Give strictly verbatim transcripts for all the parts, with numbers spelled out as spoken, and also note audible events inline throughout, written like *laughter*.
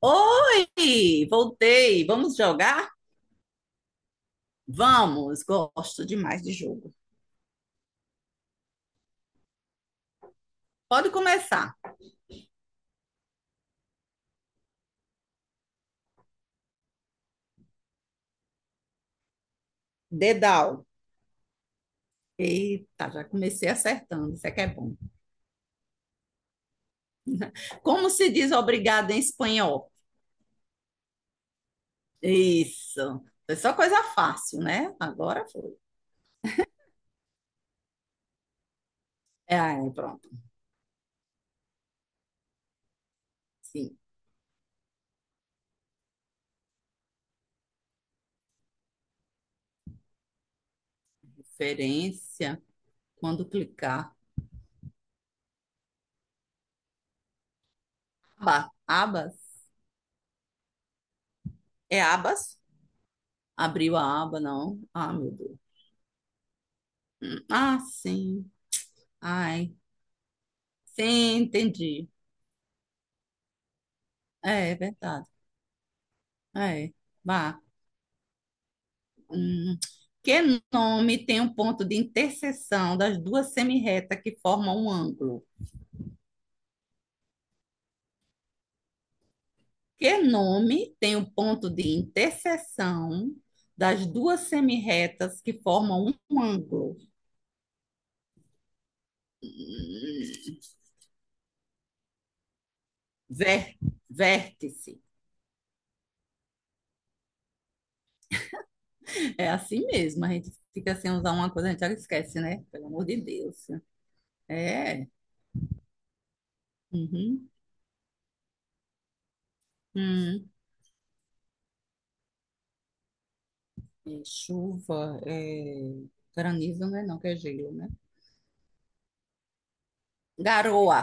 Oi, voltei. Vamos jogar? Vamos, gosto demais de jogo. Pode começar. Dedal. Eita, já comecei acertando, isso é que é bom. Como se diz obrigado em espanhol? Isso. Foi só coisa fácil, né? Agora foi. É, aí, pronto. Sim, referência. Quando clicar. Aba, abas. É abas? Abriu a aba, não. Ah, meu Deus. Hum. Ah, sim. Ai. Sim, entendi. É, é verdade. É, vá. Hum, que nome tem um ponto de interseção das duas semirretas que formam um ângulo? Que nome tem um ponto de interseção das duas semirretas que formam um ângulo? Hum, Vé, vértice. É assim mesmo, a gente fica sem usar uma coisa, a gente já esquece, né? Pelo amor de Deus. É. Uhum. Hum. É chuva, é granizo, né? Não, que é gelo, né? Garoa.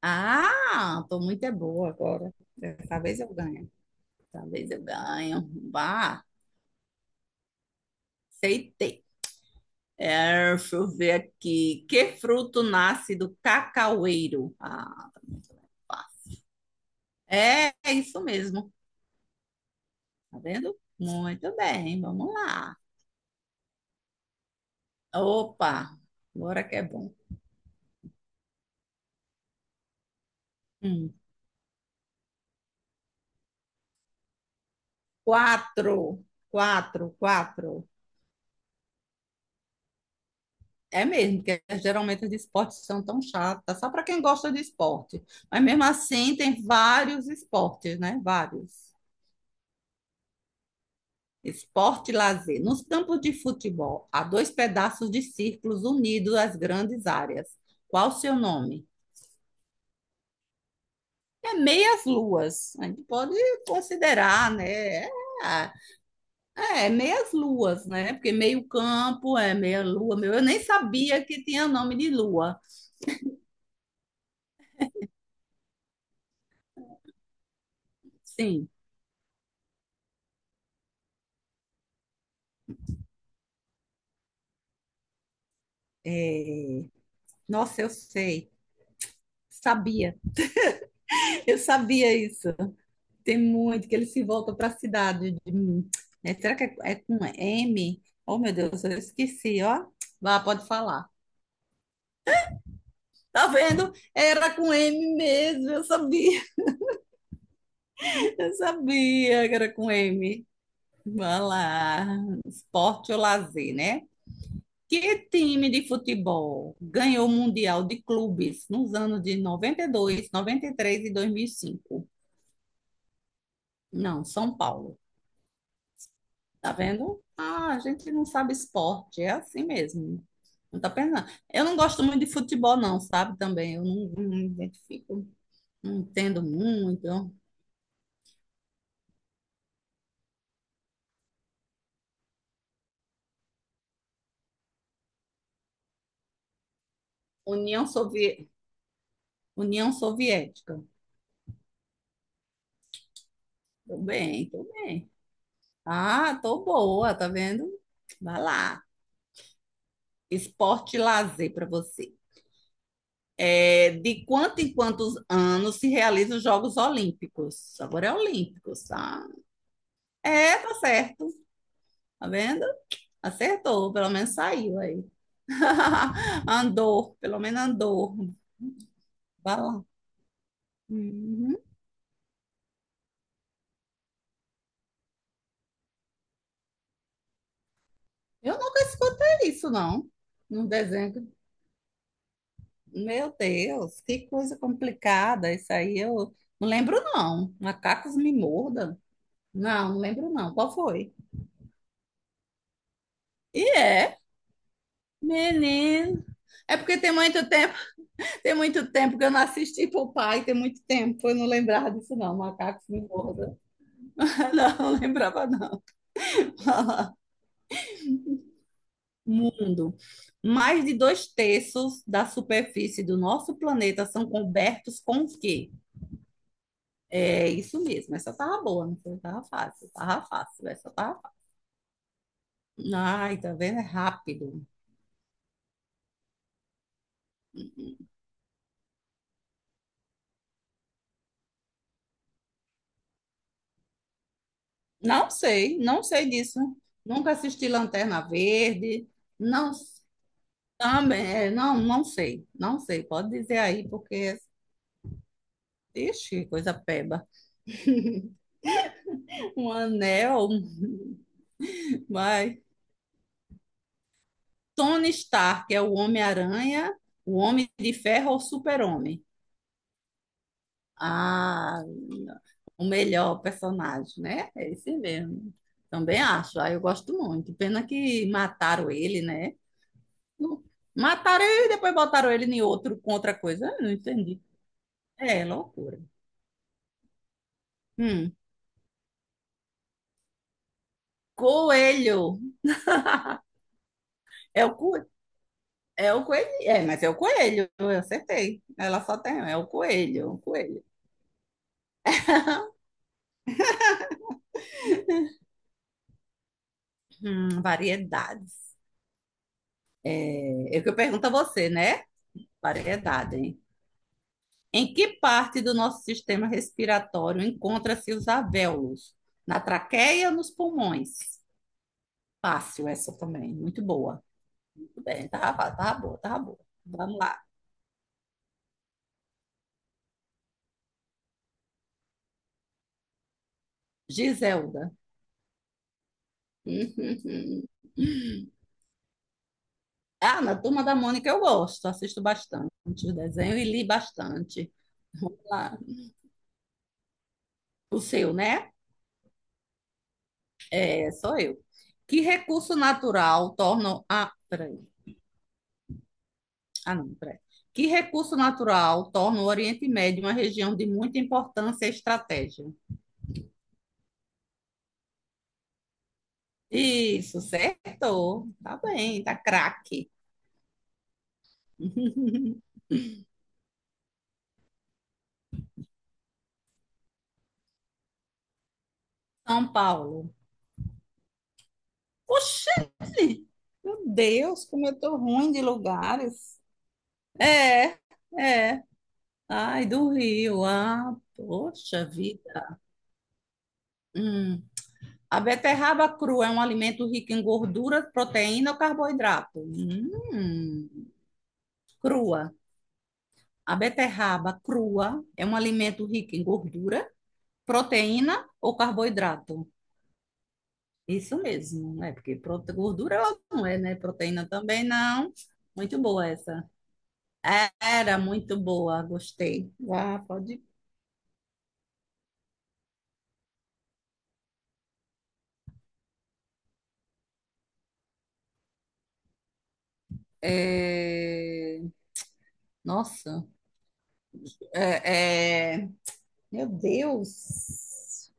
Ah, tô muito é boa agora. Dessa vez eu ganho. Dessa vez eu ganho. Bah, aceitei. É, deixa eu ver aqui. Que fruto nasce do cacaueiro? Ah, tá muito bem. Fácil. É, é isso mesmo. Tá vendo? Muito bem, vamos lá. Opa, agora que é bom. Hum, quatro, quatro, quatro. É mesmo, porque geralmente os de esporte são tão chatas, só para quem gosta de esporte. Mas mesmo assim, tem vários esportes, né? Vários. Esporte e lazer. Nos campos de futebol, há dois pedaços de círculos unidos às grandes áreas. Qual o seu nome? É meias luas. A gente pode considerar, né? É, é, é meias luas, né? Porque meio campo é meia lua. Meu, eu nem sabia que tinha nome de lua. Sim. é, Nossa, eu sei. Sabia, *laughs* eu sabia isso. Tem muito que ele se volta para a cidade. de- hum, né? Será que é, é com M? Oh, meu Deus, eu esqueci, ó. Vá, pode falar. Tá vendo? Era com M mesmo, eu sabia. *laughs* Eu sabia que era com M. Vá lá. Esporte ou lazer, né? Que time de futebol ganhou o Mundial de Clubes nos anos de noventa e dois, noventa e três e dois mil e cinco? Não, São Paulo. Tá vendo? Ah, a gente não sabe esporte, é assim mesmo. Não tá pensando. Eu não gosto muito de futebol, não, sabe? Também, eu não, não me identifico, não entendo muito. União Soviética. União Soviética. Tô bem, tô bem. Ah, tô boa, tá vendo? Vai lá. Esporte e lazer para você. É, de quanto em quantos anos se realizam os Jogos Olímpicos? Agora é Olímpicos, tá? É, tá certo. Tá vendo? Acertou, pelo menos saiu aí. *laughs* Andor, pelo menos andor. Vai lá. Uhum. Eu nunca escutei isso, não. Num desenho. que- Meu Deus, que coisa complicada. Isso aí eu não lembro, não. Macacos me mordam. Não, não lembro, não. Qual foi? E é, menino. É porque tem muito tempo, tem muito tempo que eu não assisti pro pai, tem muito tempo. Eu não lembrava disso, não. Macacos me mordam. *laughs* Não, não lembrava, não. *laughs* Mundo. Mais de dois terços da superfície do nosso planeta são cobertos com o quê? É isso mesmo. Essa tava boa, não foi? Tava fácil, tava fácil. Essa tava fácil. Ai, tá vendo? É rápido. Não sei, não sei disso. Nunca assisti Lanterna Verde. Não, também, é, não, não sei, não sei. Pode dizer aí, porque, ixi, coisa peba. Um anel, *laughs* vai. Tony Stark é o Homem-Aranha, o Homem de Ferro ou o Super-Homem? Ah, o melhor personagem, né? É esse mesmo. Também acho. Ah, eu gosto muito. Pena que mataram ele, né? Não- Mataram ele e depois botaram ele em outro com outra coisa. Eu não entendi. É loucura. Hum. Coelho. É o co, É o coelho. É, mas é o coelho. Eu acertei. Ela só tem. É o coelho. O coelho. Hum, variedades. É é o que eu pergunto a você, né? Variedade, hein? Em que parte do nosso sistema respiratório encontra-se os alvéolos? Na traqueia ou nos pulmões? Fácil essa também, muito boa. Muito bem, tava, tava boa, tava boa. Vamos lá. Giselda. *laughs* Ah, na Turma da Mônica eu gosto, assisto bastante o desenho e li bastante. Vamos lá. O seu, né? É, sou eu. Que recurso natural torna a... peraí. Ah, não, peraí. Que recurso natural torna o Oriente Médio uma região de muita importância e estratégia? Isso, certo. Tá bem, tá craque. *laughs* São Paulo. Oxi! Meu Deus, como eu tô ruim de lugares. É, é. Ai, do Rio. Ah, poxa vida. Hum. A beterraba crua é um alimento rico em gordura, proteína ou carboidrato? Hum. Crua. A beterraba crua é um alimento rico em gordura, proteína ou carboidrato. Isso mesmo, né? Porque prote- gordura ela não é, né? Proteína também não. Muito boa essa. Era muito boa, gostei. Ah, pode. É, Nossa. É, é, Meu Deus.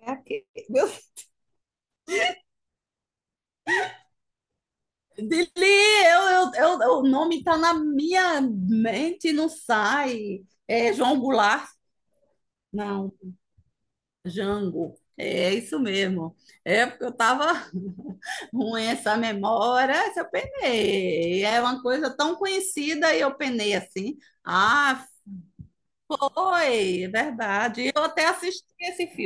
É aquele... Meu... Dili, eu, eu, eu, o nome tá na minha mente, e não sai. É João Goulart? Não. Jango. É isso mesmo. É porque eu tava *laughs* ruim essa memória, essa eu penei. E É uma coisa tão conhecida e eu penei assim. Ah, foi, é verdade. E eu até assisti esse filme.